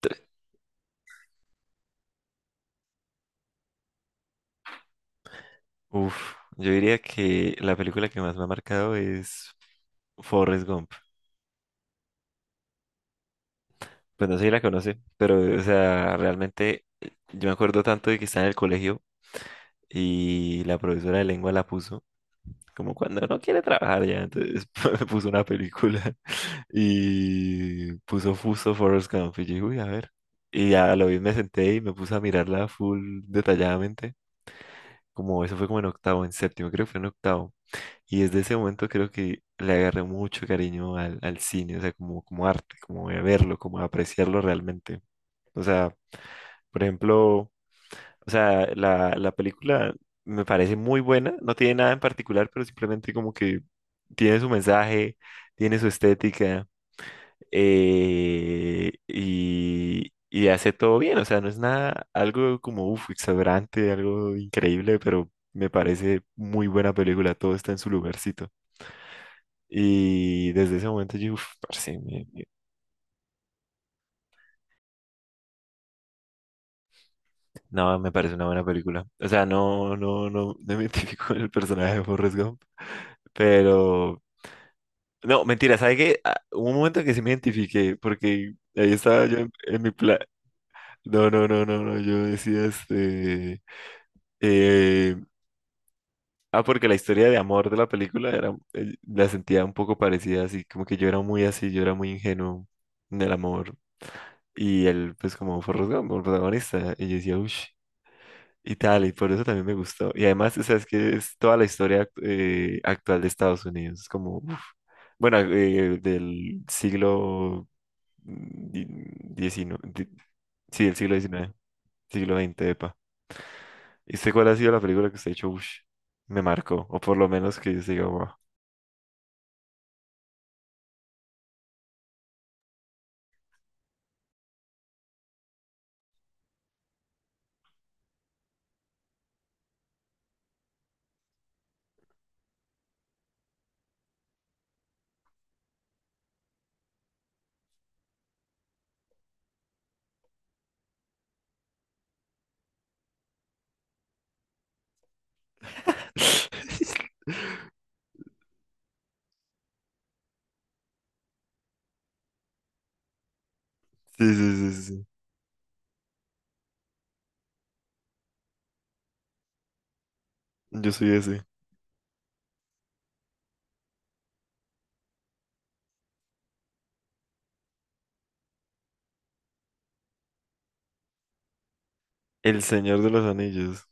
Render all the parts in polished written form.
Tres. Uf, yo diría que la película que más me ha marcado es Forrest Gump. Pues no sé si la conoce, pero o sea, realmente yo me acuerdo tanto de que estaba en el colegio y la profesora de lengua la puso, como cuando no quiere trabajar ya, entonces me puso una película y puso Fuso Forrest Gump y yo dije, uy, a ver. Y ya lo vi, me senté y me puse a mirarla full detalladamente, como eso fue como en octavo, en séptimo, creo que fue en octavo. Y desde ese momento creo que le agarré mucho cariño al cine, o sea, como, como arte, como a verlo, como a apreciarlo realmente. O sea, por ejemplo, o sea, la película me parece muy buena, no tiene nada en particular, pero simplemente como que tiene su mensaje, tiene su estética, y hace todo bien, o sea, no es nada, algo como, uf, exagerante, algo increíble, pero me parece muy buena película, todo está en su lugarcito. Y desde ese momento yo, uff, parce, no, me parece una buena película. O sea, no me identifico con el personaje de Forrest Gump, pero, no, mentira, ¿sabe qué? Ah, hubo un momento que sí me identifiqué, porque ahí estaba yo en mi plan, no, no, no, no, no, yo decía, eh, ah, porque la historia de amor de la película era, la sentía un poco parecida, así, como que yo era muy así, yo era muy ingenuo en el amor, y él, pues, como Forrest Gump, el protagonista, y yo decía, uff. Y tal, y por eso también me gustó. Y además, o sea, es que es toda la historia actual de Estados Unidos. Es como, uf. Bueno, del siglo diecinueve sí, del siglo diecinueve siglo veinte epa. ¿Y usted cuál ha sido la película que usted ha dicho, uff, me marcó? O por lo menos que yo diga, wow. Sí, sí, sí, sí, sí. Yo soy ese. El Señor de los Anillos.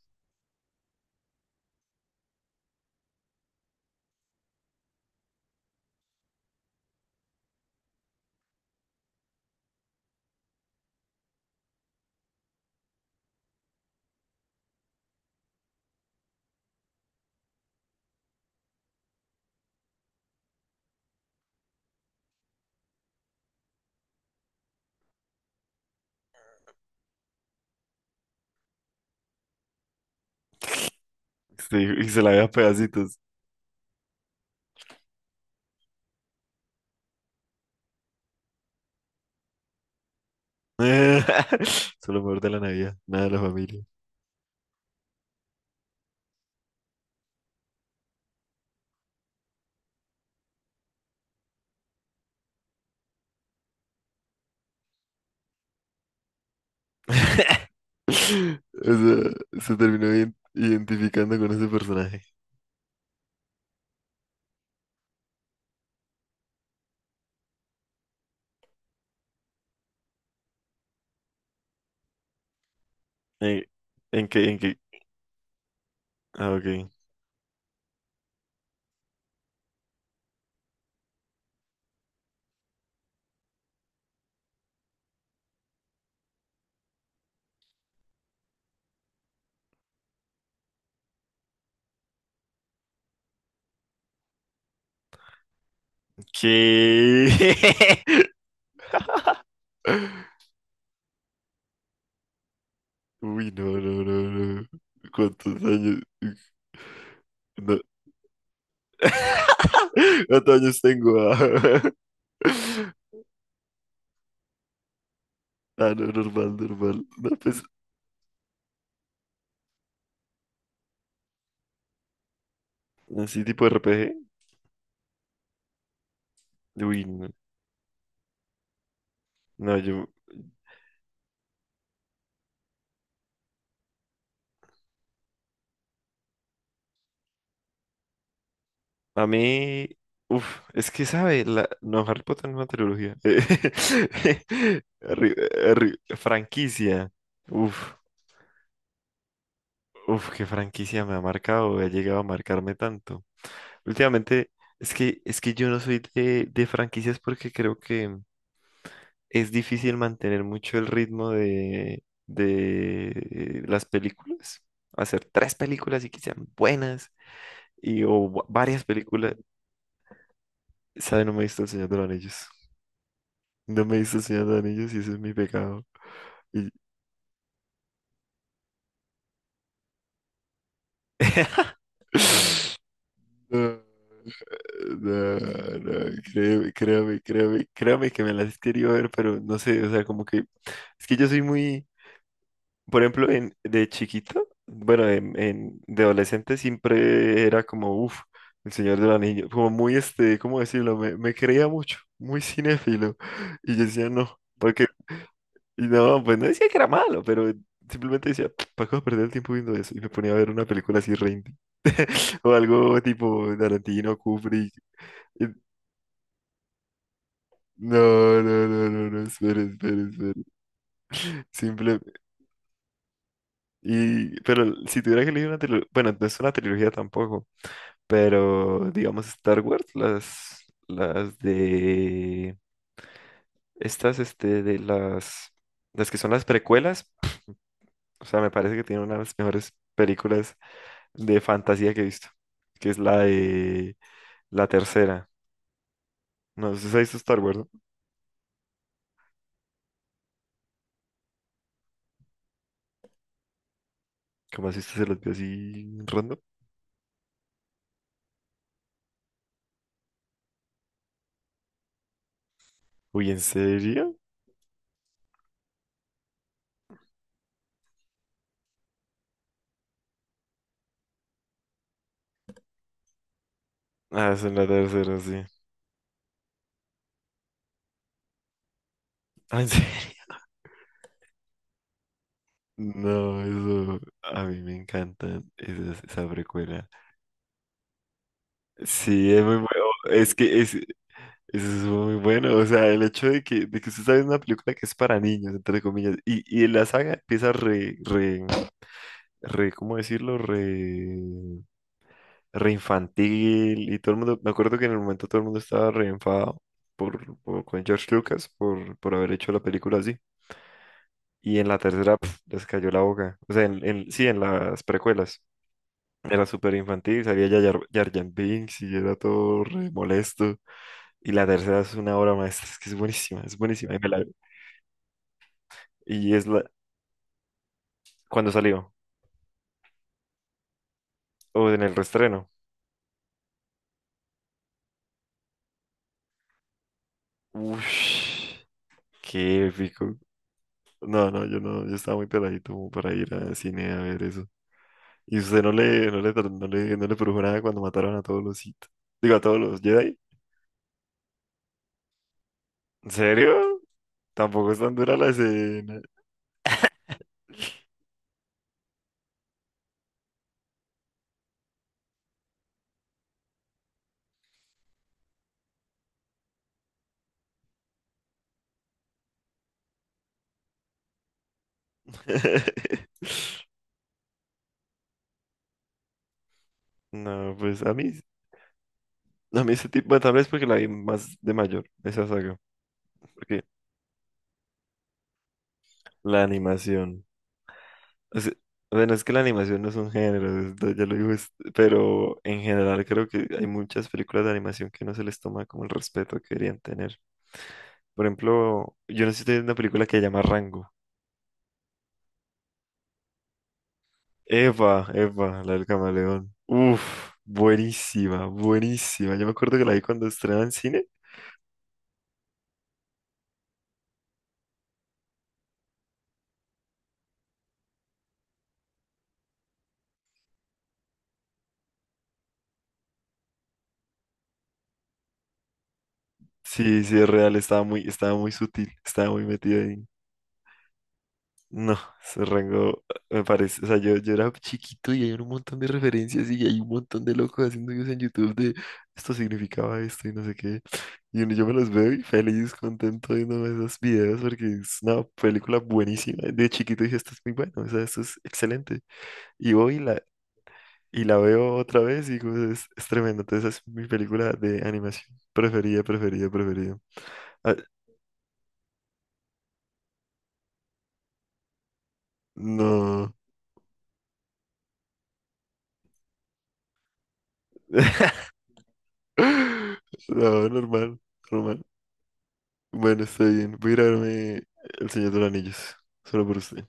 Sí, y se la ve a pedacitos. Solo mejor de la Navidad, nada de la familia. O sea, se terminó identificando con ese personaje. Eh, ¿En qué? ¿En qué? Ah, ok. ¿Qué? Uy, no, no, no, no. ¿Cuántos años? No. ¿Cuántos años tengo? Ah, ah, no, normal, normal. No, pues, así tipo RPG. Uy, no. No, yo, a mí, uff, es que sabe, no, Harry Potter no es una trilogía. Franquicia. Uff, uff, qué franquicia me ha marcado, ha llegado a marcarme tanto. Últimamente, es que yo no soy de franquicias porque creo que es difícil mantener mucho el ritmo de las películas. Hacer tres películas y que sean buenas, y varias películas. Sabe, no me he visto El Señor de los Anillos. No me diste el Señor de los Anillos y ese es mi pecado. Y- no, no, no, créeme, créame que me las quería ver, pero no sé, o sea, como que es que yo soy muy, por ejemplo, de chiquito, bueno, de adolescente siempre era como, uff, el Señor del Anillo, como muy, este, ¿cómo decirlo? Me creía mucho, muy cinéfilo, y yo decía, no, porque y no, pues no decía que era malo, pero simplemente decía, ¿para qué voy a perder el tiempo viendo eso? Y me ponía a ver una película así re indie, o algo tipo Tarantino, Kubrick. Y- no, no, no, no, no, espere, espere, espere. Simple. Y, pero si tuviera que elegir una trilogía, bueno, no es una trilogía tampoco, pero digamos Star Wars, las de, estas, este, de las que son las precuelas, o sea, me parece que tiene una de las mejores películas de fantasía que he visto, que es la de la tercera. No, ¿usted se ha visto Star Wars, no? ¿Cómo así usted se las vio así random? Uy, ¿en serio? Ah, es en la tercera, sí. Ah, ¿en serio? No, eso a mí me encanta esa precuela. Sí, es muy bueno. Es que es, eso es muy bueno. O sea, el hecho de de que usted sabe una película que es para niños, entre comillas, y la saga empieza ¿cómo decirlo? Re infantil y todo el mundo, me acuerdo que en el momento todo el mundo estaba re enfadado con George Lucas por haber hecho la película así. Y en la tercera pf, les cayó la boca. O sea, sí, en las precuelas. Era súper infantil, salía ya Jar Binks y era todo re molesto. Y la tercera es una obra maestra, es que es buenísima, es buenísima. Y, me la- y es la... cuando salió, o en el reestreno. Ush, qué épico. No, no, yo no, yo estaba muy peladito como para ir al cine a ver eso. Y usted no le, no le, tra- no le, no le produjo nada cuando mataron a todos los Sith. Digo, a todos los Jedi. ¿En serio? Tampoco es tan dura la escena. No, pues a mí ese tipo, bueno, tal vez porque la vi más de mayor, esa saga. Porque la animación, o sea, bueno, es que la animación no es un género, ya lo digo, es- pero en general creo que hay muchas películas de animación que no se les toma como el respeto que deberían tener. Por ejemplo, yo no sé si ustedes ven una película que se llama Rango. Eva, la del camaleón. Uf, buenísima, buenísima. Yo me acuerdo que la vi cuando estrenaba en cine. Sí, sí, es real, estaba muy sutil, estaba muy metida ahí. No, ese rango me parece. O sea, yo era chiquito y hay un montón de referencias y hay un montón de locos haciendo videos en YouTube de esto significaba esto y no sé qué. Yo me los veo y feliz, contento viendo esos videos porque es una película buenísima. De chiquito dije, esto es muy bueno, o sea, esto es excelente. Y hoy la Y la veo otra vez y digo, es tremendo. Entonces es mi película de animación preferida, preferida, preferida. Ah, no. No, normal, normal. Bueno, está bien. Voy a ir a verme El Señor de los Anillos. Solo por usted.